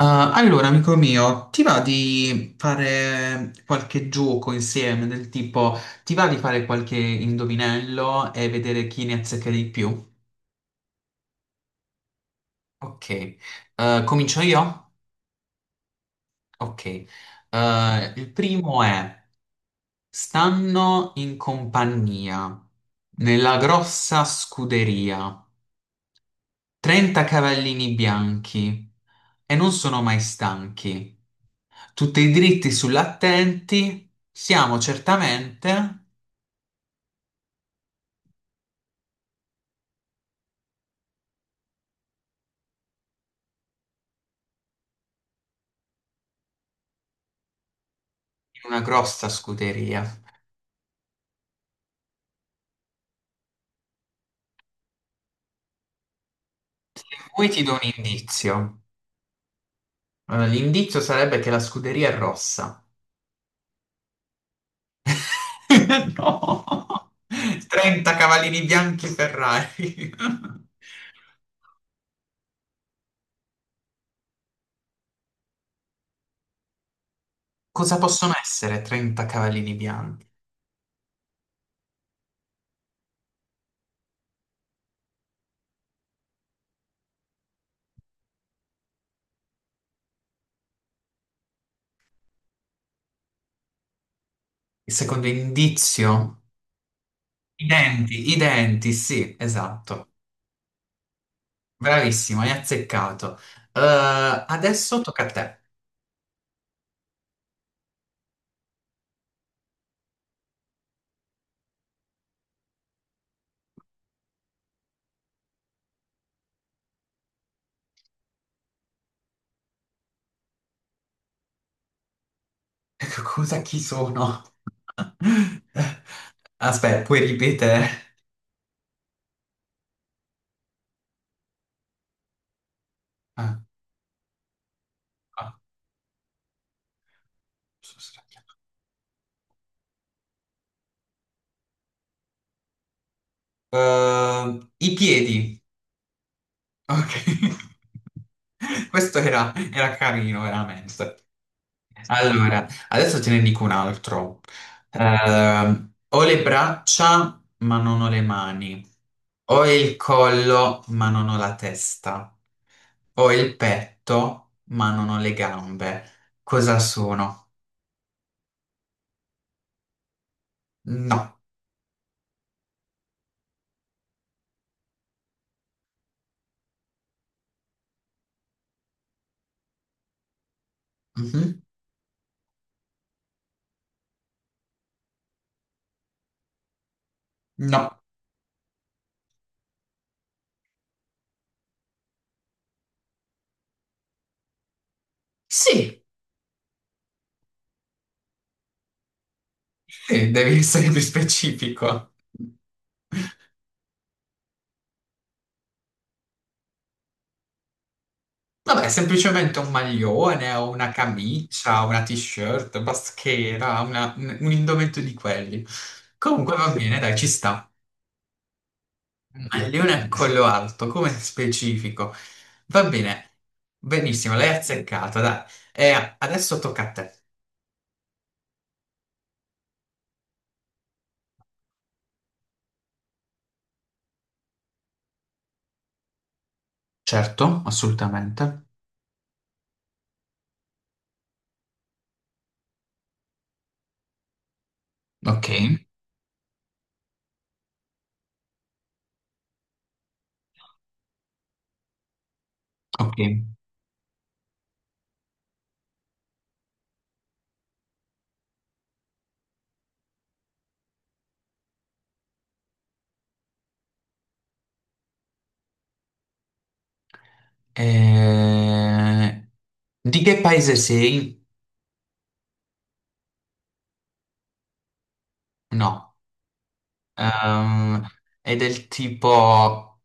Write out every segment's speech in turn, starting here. Ah, allora, amico mio, ti va di fare qualche gioco insieme del tipo, ti va di fare qualche indovinello e vedere chi ne azzecca di più? Ok. Comincio io? Ok. Il primo è, stanno in compagnia, nella grossa scuderia, 30 cavallini bianchi e non sono mai stanchi, tutti dritti sull'attenti, siamo certamente in una grossa scuderia. In cui ti do un indizio. L'indizio sarebbe che la scuderia è rossa. No! 30 cavallini bianchi Ferrari. Cosa possono essere 30 cavallini bianchi? Il secondo indizio? I denti, sì, esatto. Bravissimo, hai azzeccato. Adesso tocca a te. Cosa chi sono? Aspetta, puoi ripetere? Ah, ah, sono sbagliato. I piedi. Ok. Questo era carino, veramente. Allora, adesso te ne dico un altro. Ho le braccia, ma non ho le mani. Ho il collo, ma non ho la testa. Ho il petto, ma non ho le gambe. Cosa sono? No. Mhm. No. Sì, sì, devi essere più specifico. Vabbè, semplicemente un maglione o una camicia, una t-shirt, baschera, un indumento di quelli. Comunque va bene, dai, ci sta. Maglione a collo alto, come specifico. Va bene, benissimo, l'hai azzeccata, dai. E adesso tocca a te. Certo, assolutamente. Ok, ok. Eh, Di che paese sei? No. Ehm, è del tipo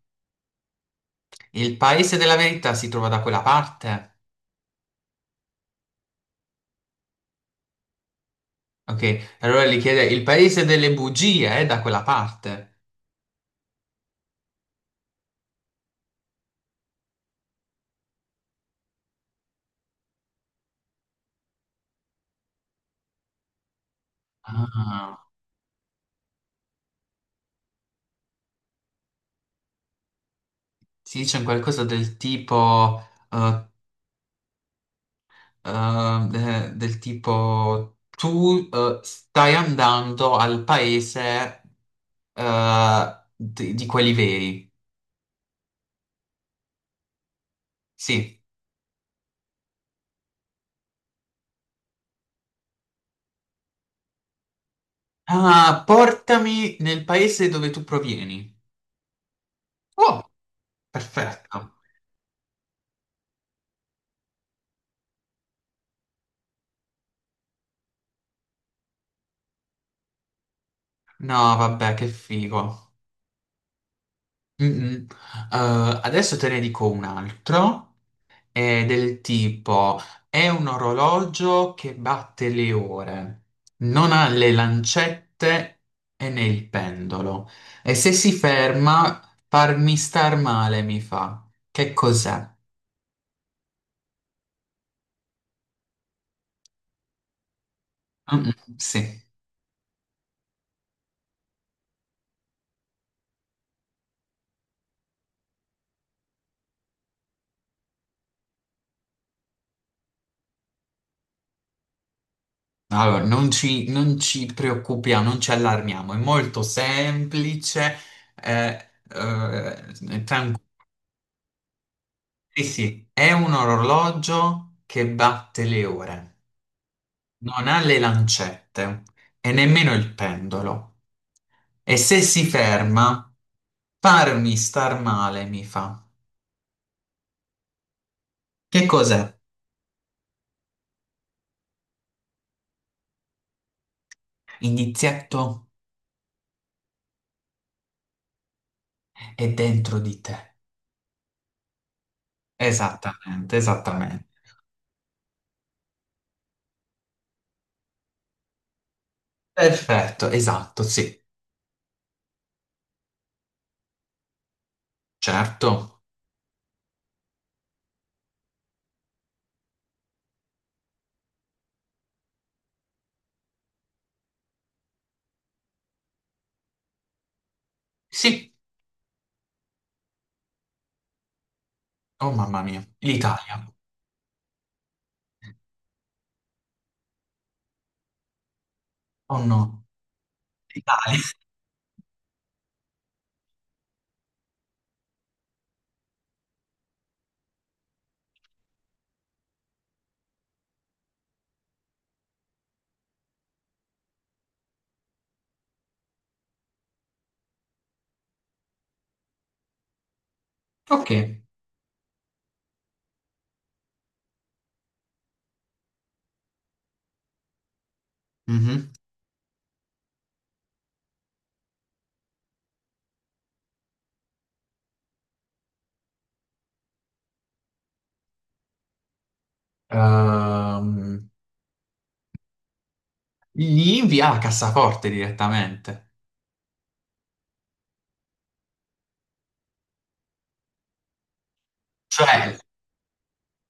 il paese della verità si trova da quella parte? Ok, allora gli chiede, il paese delle bugie è da quella parte? Ah, si dice un qualcosa del tipo, eh, del tipo, tu stai andando al paese di quelli veri. Sì. Ah, portami nel paese dove tu provieni. Oh, perfetto. No, vabbè, che figo. Mm-mm. Adesso te ne dico un altro, è del tipo, è un orologio che batte le ore, non ha le lancette e né il pendolo, e se si ferma, farmi star male mi fa. Che cos'è? Mm-mm, sì. Allora, non ci preoccupiamo, non ci allarmiamo, è molto semplice, tranquillo. Sì, sì, è un orologio che batte le ore, non ha le lancette e nemmeno il pendolo. E se si ferma, farmi star male mi fa. Che cos'è? Inizietto è dentro di te. Esattamente, esattamente. Perfetto, esatto, sì, certo. Sì, oh mamma mia, l'Italia. Oh no, l'Italia. Ok. Mhm. Ehm, Gli invia la cassaforte direttamente. Cioè, sì,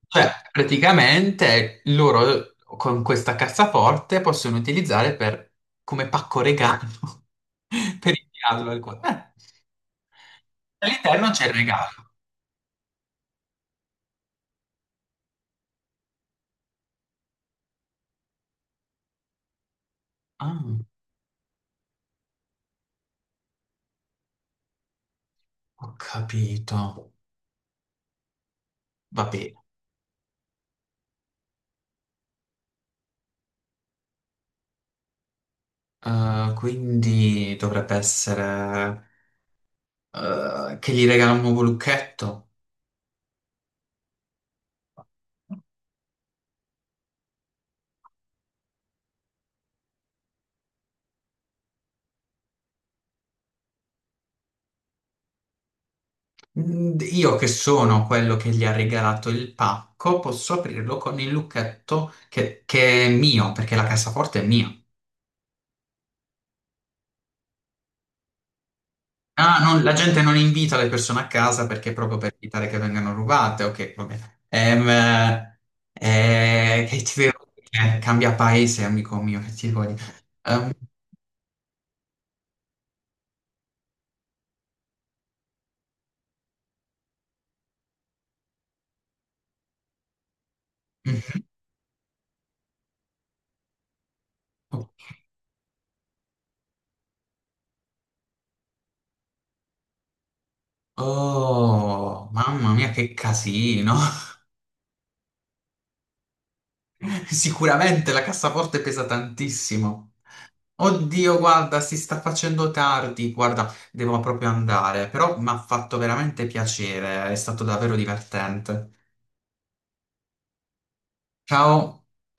cioè, praticamente loro con questa cassaforte possono utilizzare per- come pacco regalo per inviarlo al qua. All'interno c'è il regalo. Ah, ho capito. Va bene. Quindi dovrebbe essere che gli regala un nuovo lucchetto. Mm, io che sono quello che gli ha regalato il pacco, posso aprirlo con il lucchetto che è mio, perché la cassaforte è mia. Ah, non- la gente non invita le persone a casa perché proprio per evitare che vengano rubate. Ok, va bene. Che ti devo dire? Cambia paese, amico mio, che ti devo dire? Ehm, mhm. Oh, mamma mia, che casino! Sicuramente la cassaforte pesa tantissimo. Oddio, guarda, si sta facendo tardi, guarda, devo proprio andare, però mi ha fatto veramente piacere, è stato davvero divertente. Ciao.